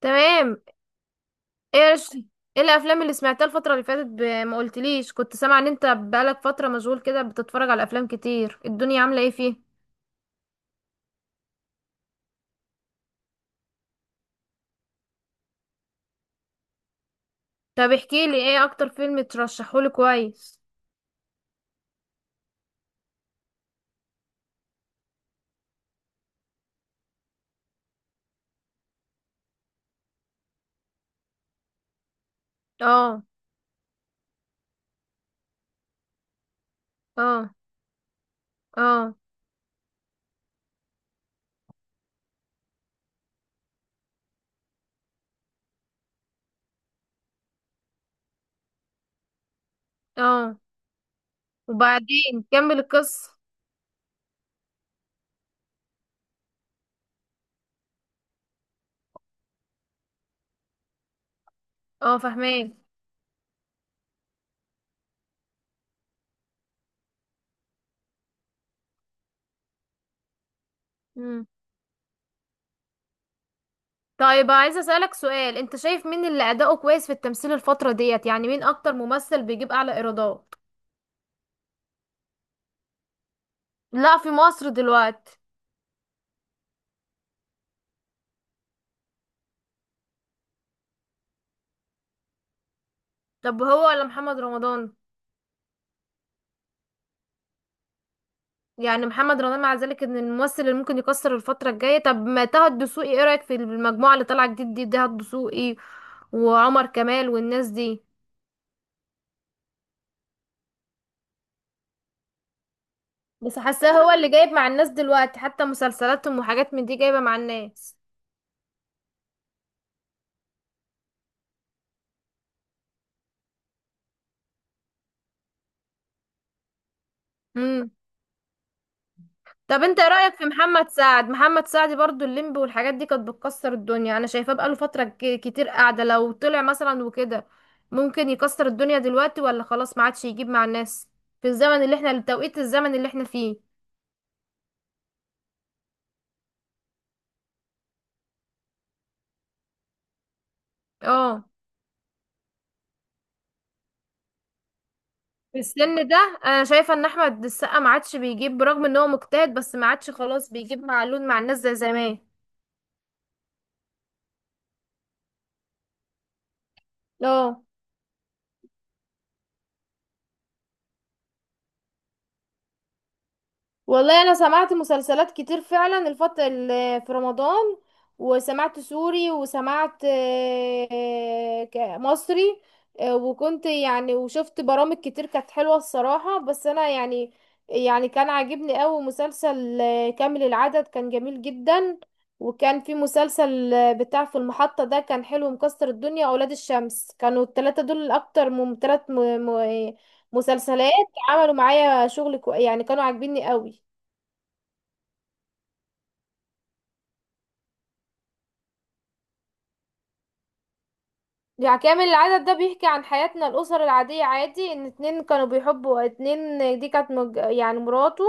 تمام. ايه يا رش- ايه الافلام اللي سمعتها الفتره اللي فاتت ما قلتليش، كنت سامعه ان انت بقالك فتره مشغول كده بتتفرج على افلام كتير. الدنيا عامله ايه فيه؟ طب احكي لي ايه اكتر فيلم ترشحهولي كويس. اه. اه. اه. اه. وبعدين كمل القصه. اه، فهماك. مم. طيب عايزه اسالك سؤال، انت شايف مين اللي اداؤه كويس في التمثيل الفتره ديت؟ يعني مين اكتر ممثل بيجيب اعلى ايرادات؟ لا، في مصر دلوقتي. طب هو ولا محمد رمضان؟ يعني محمد رمضان مع ذلك ان الممثل اللي ممكن يكسر الفترة الجاية. طب ما طه الدسوقي، ايه رأيك في المجموعة اللي طالعة جديد دي؟ طه الدسوقي وعمر كمال والناس دي. بس حاساه هو اللي جايب مع الناس دلوقتي، حتى مسلسلاتهم وحاجات من دي جايبة مع الناس. امم. طب انت ايه رأيك في محمد سعد؟ محمد سعد برضو الليمبي والحاجات دي كانت بتكسر الدنيا. انا شايفاه بقاله فترة كتير قاعدة. لو طلع مثلا وكده ممكن يكسر الدنيا دلوقتي، ولا خلاص ما عادش يجيب مع الناس في الزمن اللي احنا، التوقيت الزمن اللي احنا فيه؟ اه. في السن ده انا شايفه ان احمد السقا ما عادش بيجيب برغم ان هو مجتهد، بس ما عادش خلاص بيجيب معلول مع الناس زي زمان. لا. والله انا سمعت مسلسلات كتير فعلا الفط في رمضان. وسمعت سوري وسمعت مصري. وكنت يعني وشفت برامج كتير كانت حلوة الصراحة، بس انا يعني يعني كان عاجبني قوي مسلسل كامل العدد، كان جميل جدا. وكان في مسلسل بتاع في المحطة ده، كان حلو مكسر الدنيا، اولاد الشمس. كانوا التلاتة دول الاكتر من تلات م- مسلسلات. عملوا معايا شغل يعني كانوا عاجبيني قوي. يعني كامل العدد ده بيحكي عن حياتنا، الأسر العادية، عادي ان اتنين كانوا بيحبوا اتنين، دي كانت يعني مراته.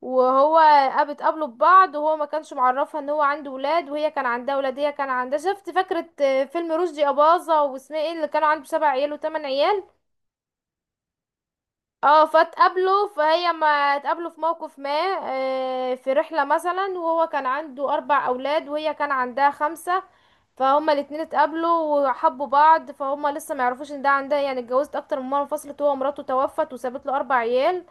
وهو اتقابلوا ببعض وهو ما كانش معرفها ان هو عنده ولاد وهي كان عندها ولاد. هي كان عندها، شفت، فاكرة فيلم رشدي أباظة واسمها ايه، اللي كانوا عنده 7 عيال وتمن عيال؟ اه. فاتقابلوا فهي، ما اتقابلوا في موقف ما، في رحلة مثلا. وهو كان عنده 4 أولاد وهي كان عندها 5. فهما الاتنين اتقابلوا وحبوا بعض، فهما لسه ما يعرفوش ان ده عندها، يعني اتجوزت اكتر من مره انفصلت، هو مراته توفت وسابت له 4 عيال.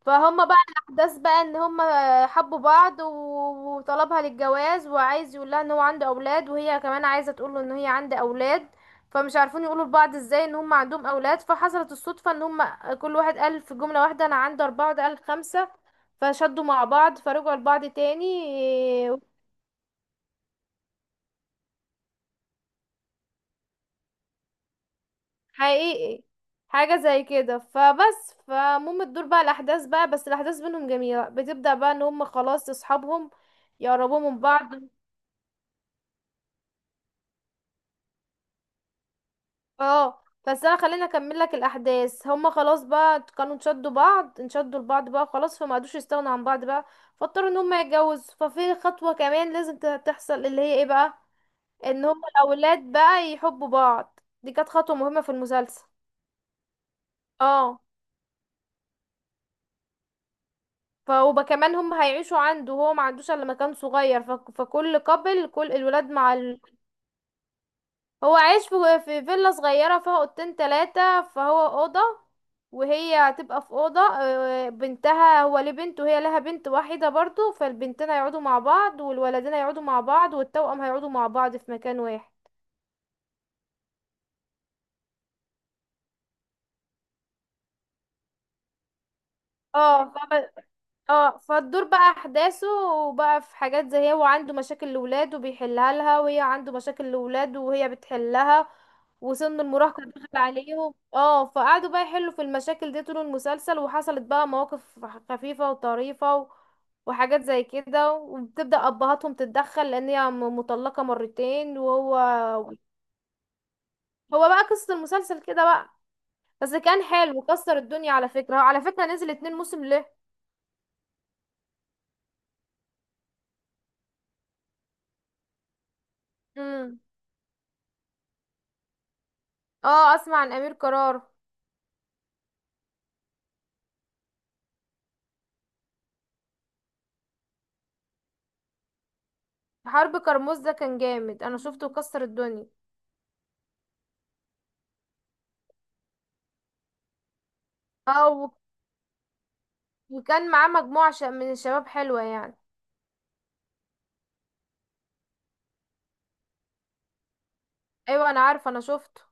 فهما بقى الاحداث بقى ان هما حبوا بعض وطلبها للجواز، وعايز يقول لها ان هو عنده اولاد، وهي كمان عايزه تقول له ان هي عندها اولاد. فمش عارفين يقولوا لبعض ازاي ان هما عندهم اولاد. فحصلت الصدفه ان هما كل واحد قال في جمله واحده، انا عندي 4 وده قال 5. فشدوا مع بعض فرجعوا لبعض تاني. حقيقي. حاجة زي كده. فبس فمهم تدور بقى الأحداث بقى، بس الأحداث بينهم جميلة. بتبدأ بقى إن هم خلاص أصحابهم، يقربوا من بعض. اه، بس أنا خليني أكمل لك الأحداث. هم خلاص بقى كانوا انشدوا بعض، انشدوا لبعض بقى خلاص، فما قدوش يستغنوا عن بعض بقى. فاضطروا إن هم يتجوزوا. ففي خطوة كمان لازم تحصل اللي هي ايه بقى. إن هم الأولاد بقى يحبوا بعض، دي كانت خطوة مهمة في المسلسل. اه. وكمان هم هيعيشوا عنده وهو ما عندوش الا مكان صغير، فكل قبل كل الولاد مع هو عايش في فيلا صغيرة فيها اوضتين تلاتة. فهو اوضة وهي هتبقى في اوضة بنتها. هو ليه بنت وهي لها بنت واحدة برضو، فالبنتين هيقعدوا مع بعض والولدين هيقعدوا مع بعض والتوأم هيقعدوا مع بعض في مكان واحد. اه. اه، فالدور بقى احداثه. وبقى في حاجات زي هو عنده مشاكل لولاده بيحلها لها، وهي عنده مشاكل لولاده وهي بتحلها، وسن المراهقة دخل عليهم. اه، فقعدوا بقى يحلوا في المشاكل دي طول المسلسل، وحصلت بقى مواقف خفيفة وطريفة و... وحاجات زي كده. وبتبدأ أبهاتهم تتدخل لأن هي مطلقة مرتين وهو بقى قصة المسلسل كده بقى. بس كان حلو، كسر الدنيا. على فكرة هو على فكرة نزل 2 موسم ليه. امم. اه، اسمع عن أمير قرار. حرب كرموز ده كان جامد، انا شفته كسر الدنيا. اه وكان معاه مجموعة من الشباب حلوة يعني. ايوه انا عارفة، انا شفته.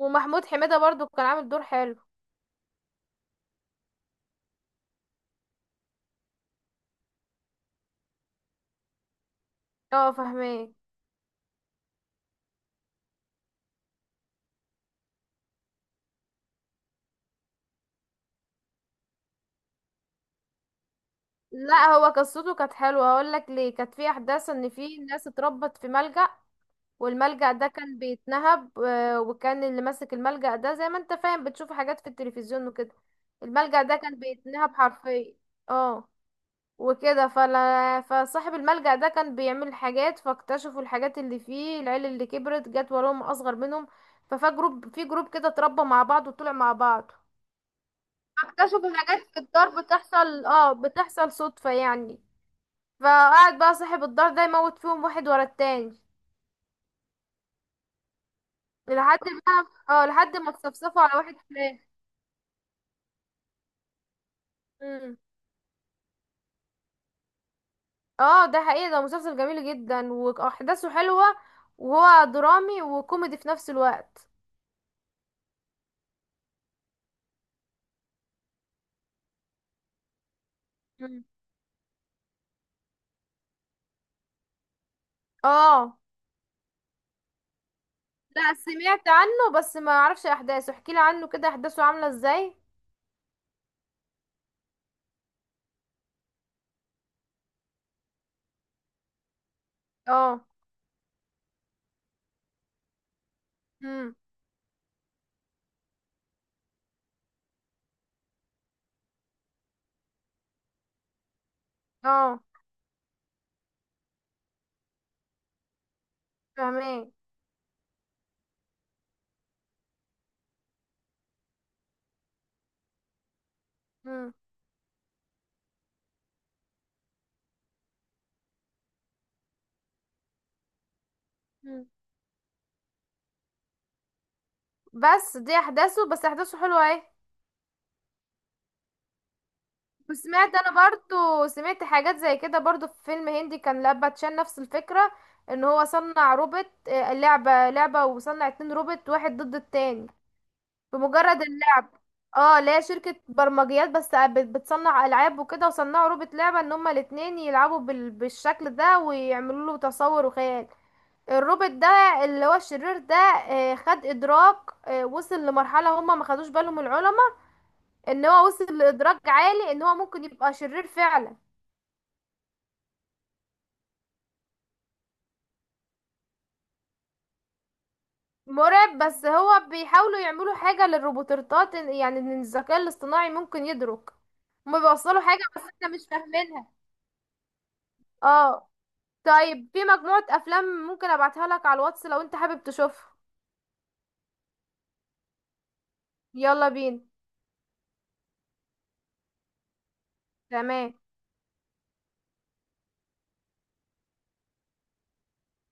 ومحمود حميدة برضو كان عامل دور حلو. اه، فاهماه. لا، هو قصته كانت حلوة، هقول لك ليه. كانت في احداث ان في ناس اتربت في ملجأ. والملجأ ده كان بيتنهب، وكان اللي ماسك الملجأ ده زي ما انت فاهم بتشوف حاجات في التلفزيون وكده. الملجأ ده كان بيتنهب حرفيا. اه. وكده فلا، فصاحب الملجأ ده كان بيعمل حاجات، فاكتشفوا الحاجات اللي فيه. العيال اللي كبرت جت وراهم أصغر منهم. ففي جروب في جروب كده اتربى مع بعض وطلع مع بعض. اكتشفوا حاجات في الدار بتحصل، اه، بتحصل صدفة يعني. فقعد بقى صاحب الدار ده يموت فيهم واحد ورا التاني لحد ما اه لحد ما اتصفصفوا على واحد كمان. مم. اه، ده حقيقي، ده مسلسل جميل جدا واحداثه حلوة، وهو درامي وكوميدي في نفس الوقت. مم. اه، لا سمعت عنه بس ما اعرفش احداثه، احكي لي عنه كده، احداثه عامله ازاي؟ اه. امم. اه، فاهمين. امم. بس دي احداثه، بس احداثه حلوه اهي. وسمعت، انا برضو سمعت حاجات زي كده، برضو في فيلم هندي كان لاباتشان نفس الفكرة. ان هو صنع روبوت لعبة وصنع اتنين روبوت واحد ضد التاني بمجرد اللعب. اه، لا شركة برمجيات بس، بتصنع ألعاب وكده، وصنعوا روبوت لعبة ان هما الاتنين يلعبوا بالشكل ده ويعملوا له تصور وخيال. الروبوت ده اللي هو الشرير ده خد ادراك. وصل لمرحلة هما ما خدوش بالهم العلماء، ان هو وصل لادراك عالي ان هو ممكن يبقى شرير فعلا. مرعب، بس هو بيحاولوا يعملوا حاجة للروبوتات، يعني ان الذكاء الاصطناعي ممكن يدرك. هما بيوصلوا حاجة بس احنا مش فاهمينها. اه. طيب في مجموعة افلام ممكن ابعتها لك على الواتس لو انت حابب تشوفها. يلا بينا. تمام.